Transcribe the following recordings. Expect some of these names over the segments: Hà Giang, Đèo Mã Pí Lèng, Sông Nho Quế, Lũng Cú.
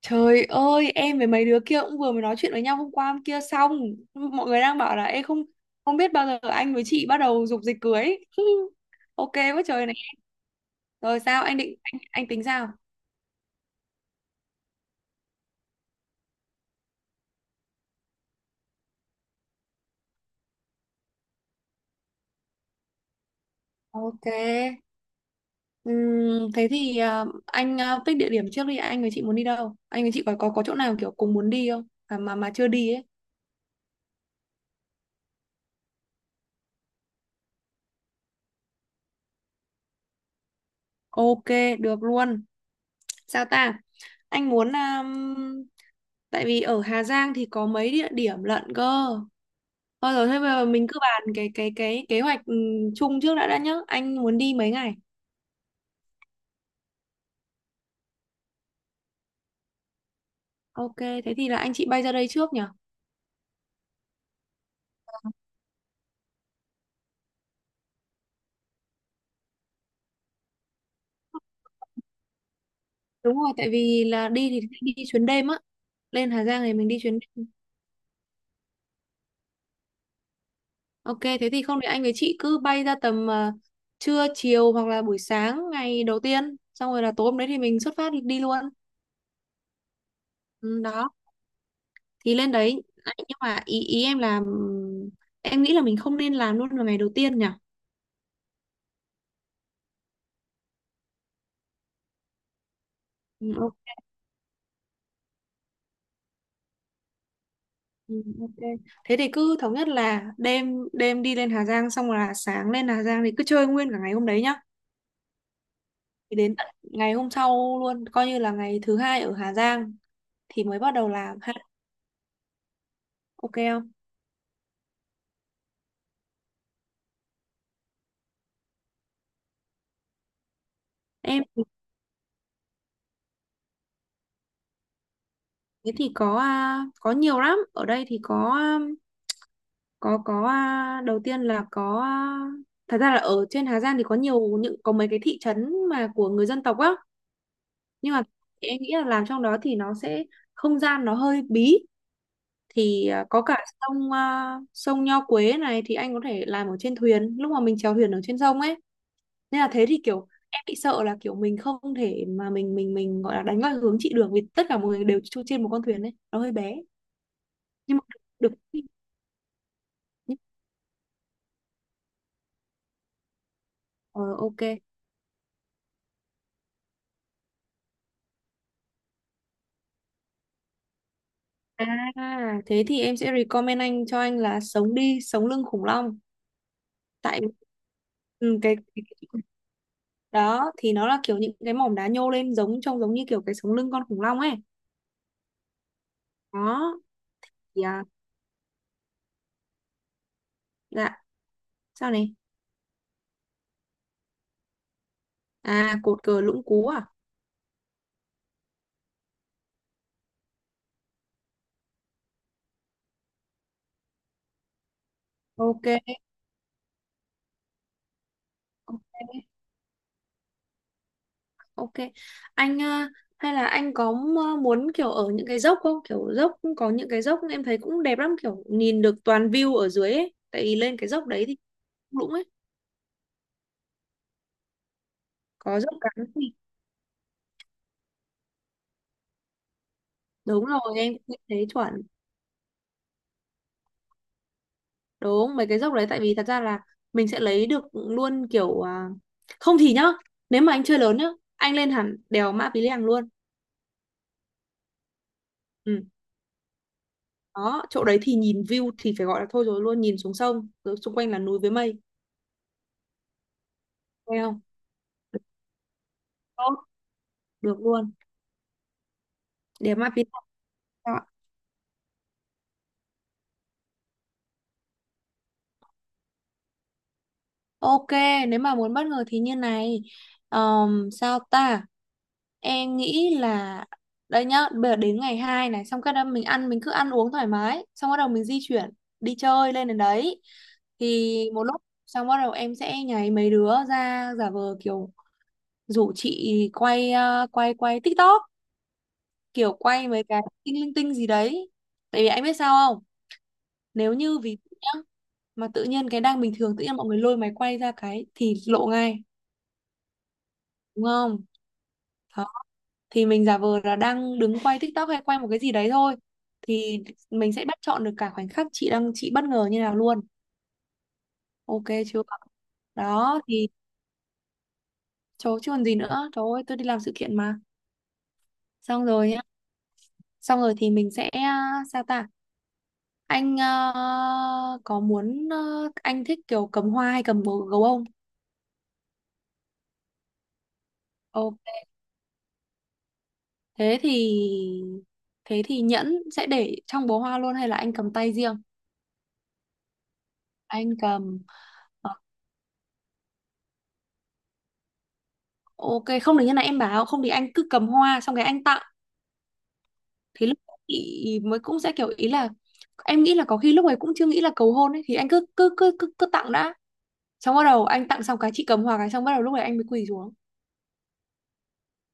Trời ơi, em với mấy đứa kia cũng vừa mới nói chuyện với nhau hôm qua hôm kia xong. Mọi người đang bảo là em không không biết bao giờ anh với chị bắt đầu dục dịch cưới. Ok quá trời này. Rồi sao anh định, anh tính sao? Ok. Thế thì à, anh à, pick địa điểm trước đi, anh với chị muốn đi đâu? Anh với chị có chỗ nào kiểu cùng muốn đi không? À, mà chưa đi ấy. Ok, được luôn. Sao ta? Anh muốn tại vì ở Hà Giang thì có mấy địa điểm lận cơ. Thôi rồi, thế bây giờ mình cứ bàn cái kế hoạch chung trước đã nhá. Anh muốn đi mấy ngày? Ok, thế thì là anh chị bay ra đây trước nhỉ? Đúng rồi, tại vì là đi thì sẽ đi chuyến đêm á. Lên Hà Giang thì mình đi chuyến đêm. Ok, thế thì không thì anh với chị cứ bay ra tầm trưa chiều hoặc là buổi sáng ngày đầu tiên, xong rồi là tối hôm đấy thì mình xuất phát đi luôn. Ừ, đó, thì lên đấy. Đấy, nhưng mà ý ý em là em nghĩ là mình không nên làm luôn vào ngày đầu tiên nhỉ? Ừ, ok. Ừ, ok. Thế thì cứ thống nhất là đêm đêm đi lên Hà Giang, xong rồi là sáng lên Hà Giang thì cứ chơi nguyên cả ngày hôm đấy nhá. Thì đến tận ngày hôm sau luôn, coi như là ngày thứ hai ở Hà Giang thì mới bắt đầu làm ha. Ok không? Em thế thì có à, có nhiều lắm. Ở đây thì có à, có à, đầu tiên là có à, thật ra là ở trên Hà Giang thì có nhiều, những có mấy cái thị trấn mà của người dân tộc á. Nhưng mà em nghĩ là làm trong đó thì nó sẽ không gian nó hơi bí, thì à, có cả sông à, sông Nho Quế này thì anh có thể làm ở trên thuyền lúc mà mình chèo thuyền ở trên sông ấy, nên là thế thì kiểu em bị sợ là kiểu mình không thể mà mình gọi là đánh vào hướng chị được vì tất cả mọi người đều chui trên một con thuyền ấy nó hơi bé, nhưng mà được. Ờ, ok. À thế thì em sẽ recommend anh, cho anh là sống lưng khủng long, tại ừ, cái cái- đó thì nó là kiểu những cái mỏm đá nhô lên, giống trông giống như kiểu cái sống lưng con khủng long ấy. Đó thì, à, dạ. Sao này? À, cột cờ Lũng Cú à? Ok, ok, ok, anh hay là anh có muốn kiểu ở những cái dốc không, kiểu dốc cũng có những cái dốc em thấy cũng đẹp lắm, kiểu nhìn được toàn view ở dưới ấy tại vì lên cái dốc đấy thì lũng ấy có dốc cắn thì đúng rồi, em cũng thấy chuẩn, đúng mấy cái dốc đấy tại vì thật ra là mình sẽ lấy được luôn, kiểu à, không thì nhá, nếu mà anh chơi lớn nhá, anh lên hẳn đèo Mã Pí Lèng luôn. Ừ. Đó, chỗ đấy thì nhìn view thì phải gọi là thôi rồi luôn, nhìn xuống sông, rồi xung quanh là núi với mây. Nghe không? Tốt, được luôn. Để mà phía sau. Ok, nếu mà muốn bất ngờ thì như này. Sao ta? Em nghĩ là đây nhá, bây giờ đến ngày 2 này xong cái đó mình ăn, mình cứ ăn uống thoải mái, xong bắt đầu mình di chuyển đi chơi lên đến đấy. Thì một lúc xong bắt đầu em sẽ nháy mấy đứa ra giả vờ kiểu rủ chị quay quay quay TikTok, kiểu quay mấy cái tinh linh tinh gì đấy, tại vì anh biết sao không, nếu như ví dụ nhá, mà tự nhiên cái đang bình thường tự nhiên mọi người lôi máy quay ra cái thì lộ ngay, đúng không? Đó. Thì mình giả vờ là đang đứng quay TikTok hay quay một cái gì đấy thôi, thì mình sẽ bắt chọn được cả khoảnh khắc chị đang, chị bất ngờ như nào luôn. Ok chưa? Đó thì, chỗ chứ còn gì nữa, trời ơi tôi đi làm sự kiện mà. Xong rồi nhá. Xong rồi thì mình sẽ, à, sao ta, anh à, có muốn à, anh thích kiểu cầm hoa hay cầm gấu gấu không? Ồ, thế thì thế thì nhẫn sẽ để trong bó hoa luôn hay là anh cầm tay riêng? Anh cầm. Ờ, ok, không được như này em bảo, không thì anh cứ cầm hoa xong cái anh tặng thì lúc ấy chị mới cũng sẽ kiểu ý là, em nghĩ là có khi lúc ấy cũng chưa nghĩ là cầu hôn ấy, thì anh cứ cứ cứ cứ, cứ tặng đã, xong bắt đầu anh tặng xong cái chị cầm hoa cái xong bắt đầu lúc ấy anh mới quỳ xuống,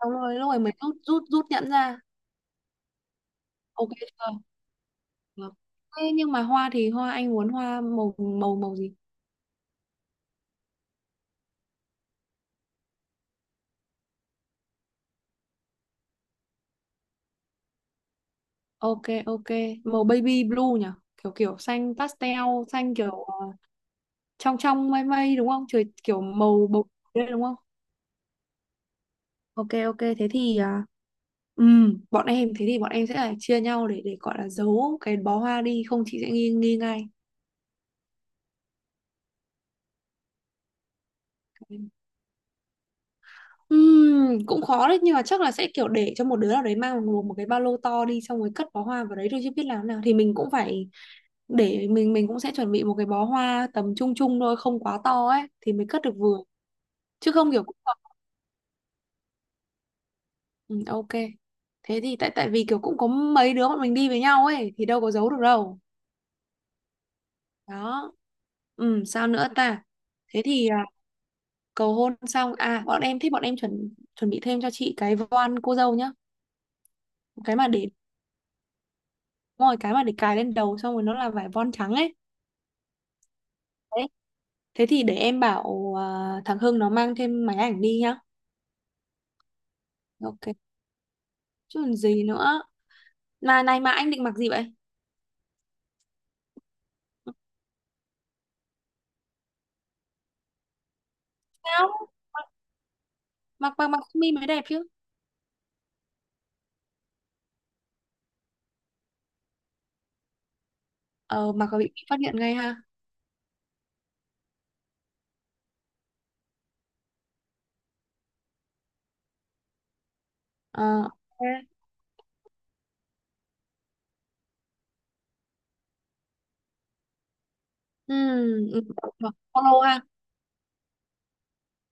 xong rồi lúc ấy mới rút rút rút nhẫn ra. Ok chưa? Được. Thế nhưng mà hoa thì hoa anh muốn hoa màu màu màu gì? Ok, ok, màu baby blue nhỉ, kiểu kiểu xanh pastel, xanh kiểu trong trong mây mây đúng không, trời kiểu màu bầu đây đúng không? Ok, ok, thế thì à, bọn em thế thì bọn em sẽ là chia nhau để gọi là giấu cái bó hoa đi, không chị sẽ nghi nghi ngay. Cũng khó đấy, nhưng mà chắc là sẽ kiểu để cho một đứa nào đấy mang một cái ba lô to đi xong rồi cất bó hoa vào đấy thôi, chứ biết làm thế nào thì mình cũng phải để, mình cũng sẽ chuẩn bị một cái bó hoa tầm trung trung thôi, không quá to ấy thì mới cất được vừa chứ không kiểu. Ừ, ok. Thế thì tại tại vì kiểu cũng có mấy đứa bọn mình đi với nhau ấy thì đâu có giấu được đâu. Đó. Ừ, sao nữa ta? Thế thì à, cầu hôn xong à, bọn em thích, bọn em chuẩn chuẩn bị thêm cho chị cái voan cô dâu nhá. Cái mà để, đúng rồi cái mà để cài lên đầu xong rồi nó là vải voan trắng ấy. Đấy. Thế thì để em bảo à, thằng Hưng nó mang thêm máy ảnh đi nhá. Ok. Chứ còn gì nữa. Mà này, mà anh định mặc gì vậy? Sao? Mặc mặc mặc sơ mi mới đẹp chứ. Ờ, mặc có bị phát hiện ngay ha. Ờ, ok. Ừ, ừ, Polo ha,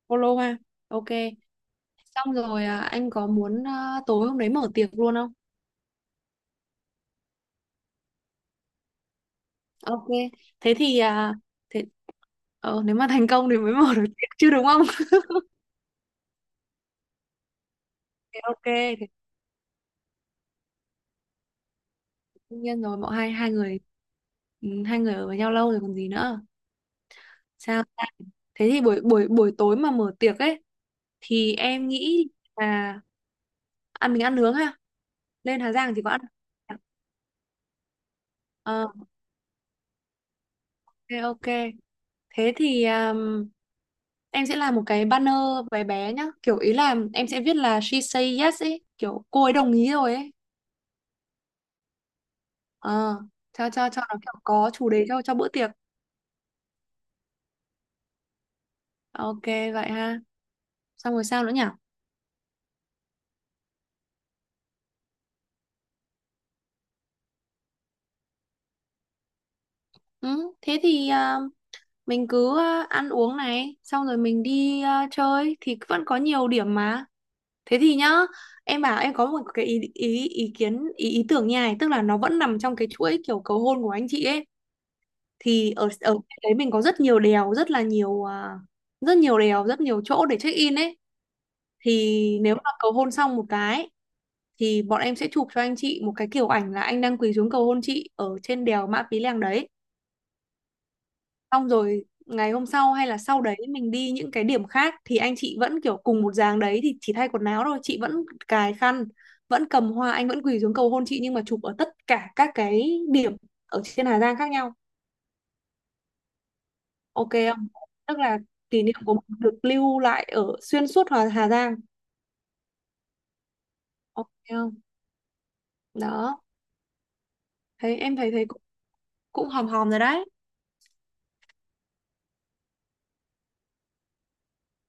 Polo ha. Ok. Xong rồi à, anh có muốn à, tối hôm đấy mở tiệc luôn không? Ok. Thế thì à, thế nếu mà thành công thì mới mở được tiệc chứ đúng không? Thế ok, thế đương nhiên rồi, bọn hai hai người hai người ở với nhau lâu rồi còn gì nữa. Sao ta? Thế thì buổi buổi buổi tối mà mở tiệc ấy thì em nghĩ là ăn, mình ăn nướng ha. Lên Hà Giang thì có ăn. Ờ, ok, ok. Thế thì em sẽ làm một cái banner bé bé nhá. Kiểu ý là em sẽ viết là she say yes ấy. Kiểu cô ấy đồng ý rồi ấy. Ờ, cho nó kiểu có chủ đề, cho bữa tiệc. Ok, vậy ha. Xong rồi sao nữa nhỉ? Ừ, thế thì mình cứ ăn uống này. Xong rồi mình đi chơi. Thì vẫn có nhiều điểm mà. Thế thì nhá. Em bảo em có một cái ý kiến, ý tưởng nha. Này, tức là nó vẫn nằm trong cái chuỗi kiểu cầu hôn của anh chị ấy. Thì ở ở đấy mình có rất nhiều đèo, rất là nhiều à, rất nhiều đèo rất nhiều chỗ để check in ấy. Thì nếu mà cầu hôn xong một cái thì bọn em sẽ chụp cho anh chị một cái kiểu ảnh là anh đang quỳ xuống cầu hôn chị ở trên đèo Mã Pí Lèng đấy. Xong rồi ngày hôm sau hay là sau đấy mình đi những cái điểm khác thì anh chị vẫn kiểu cùng một dáng đấy thì chỉ thay quần áo thôi, chị vẫn cài khăn, vẫn cầm hoa, anh vẫn quỳ xuống cầu hôn chị, nhưng mà chụp ở tất cả các cái điểm ở trên Hà Giang khác nhau. Ok không? Tức là kỷ niệm của mình được lưu lại ở xuyên suốt Hà Giang. Ok không? Đó. Thấy em thấy thấy cũng hòm hòm rồi đấy.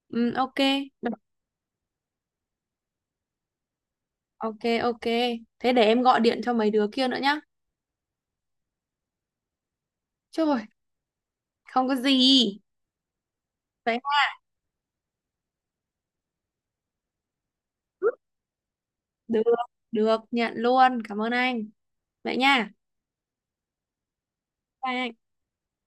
Ừ, ok. Được, ok, ok, thế để em gọi điện cho mấy đứa kia nữa nhá. Trời, không có gì. Vậy. Được được nhận luôn, cảm ơn anh. Vậy nha. Bye anh.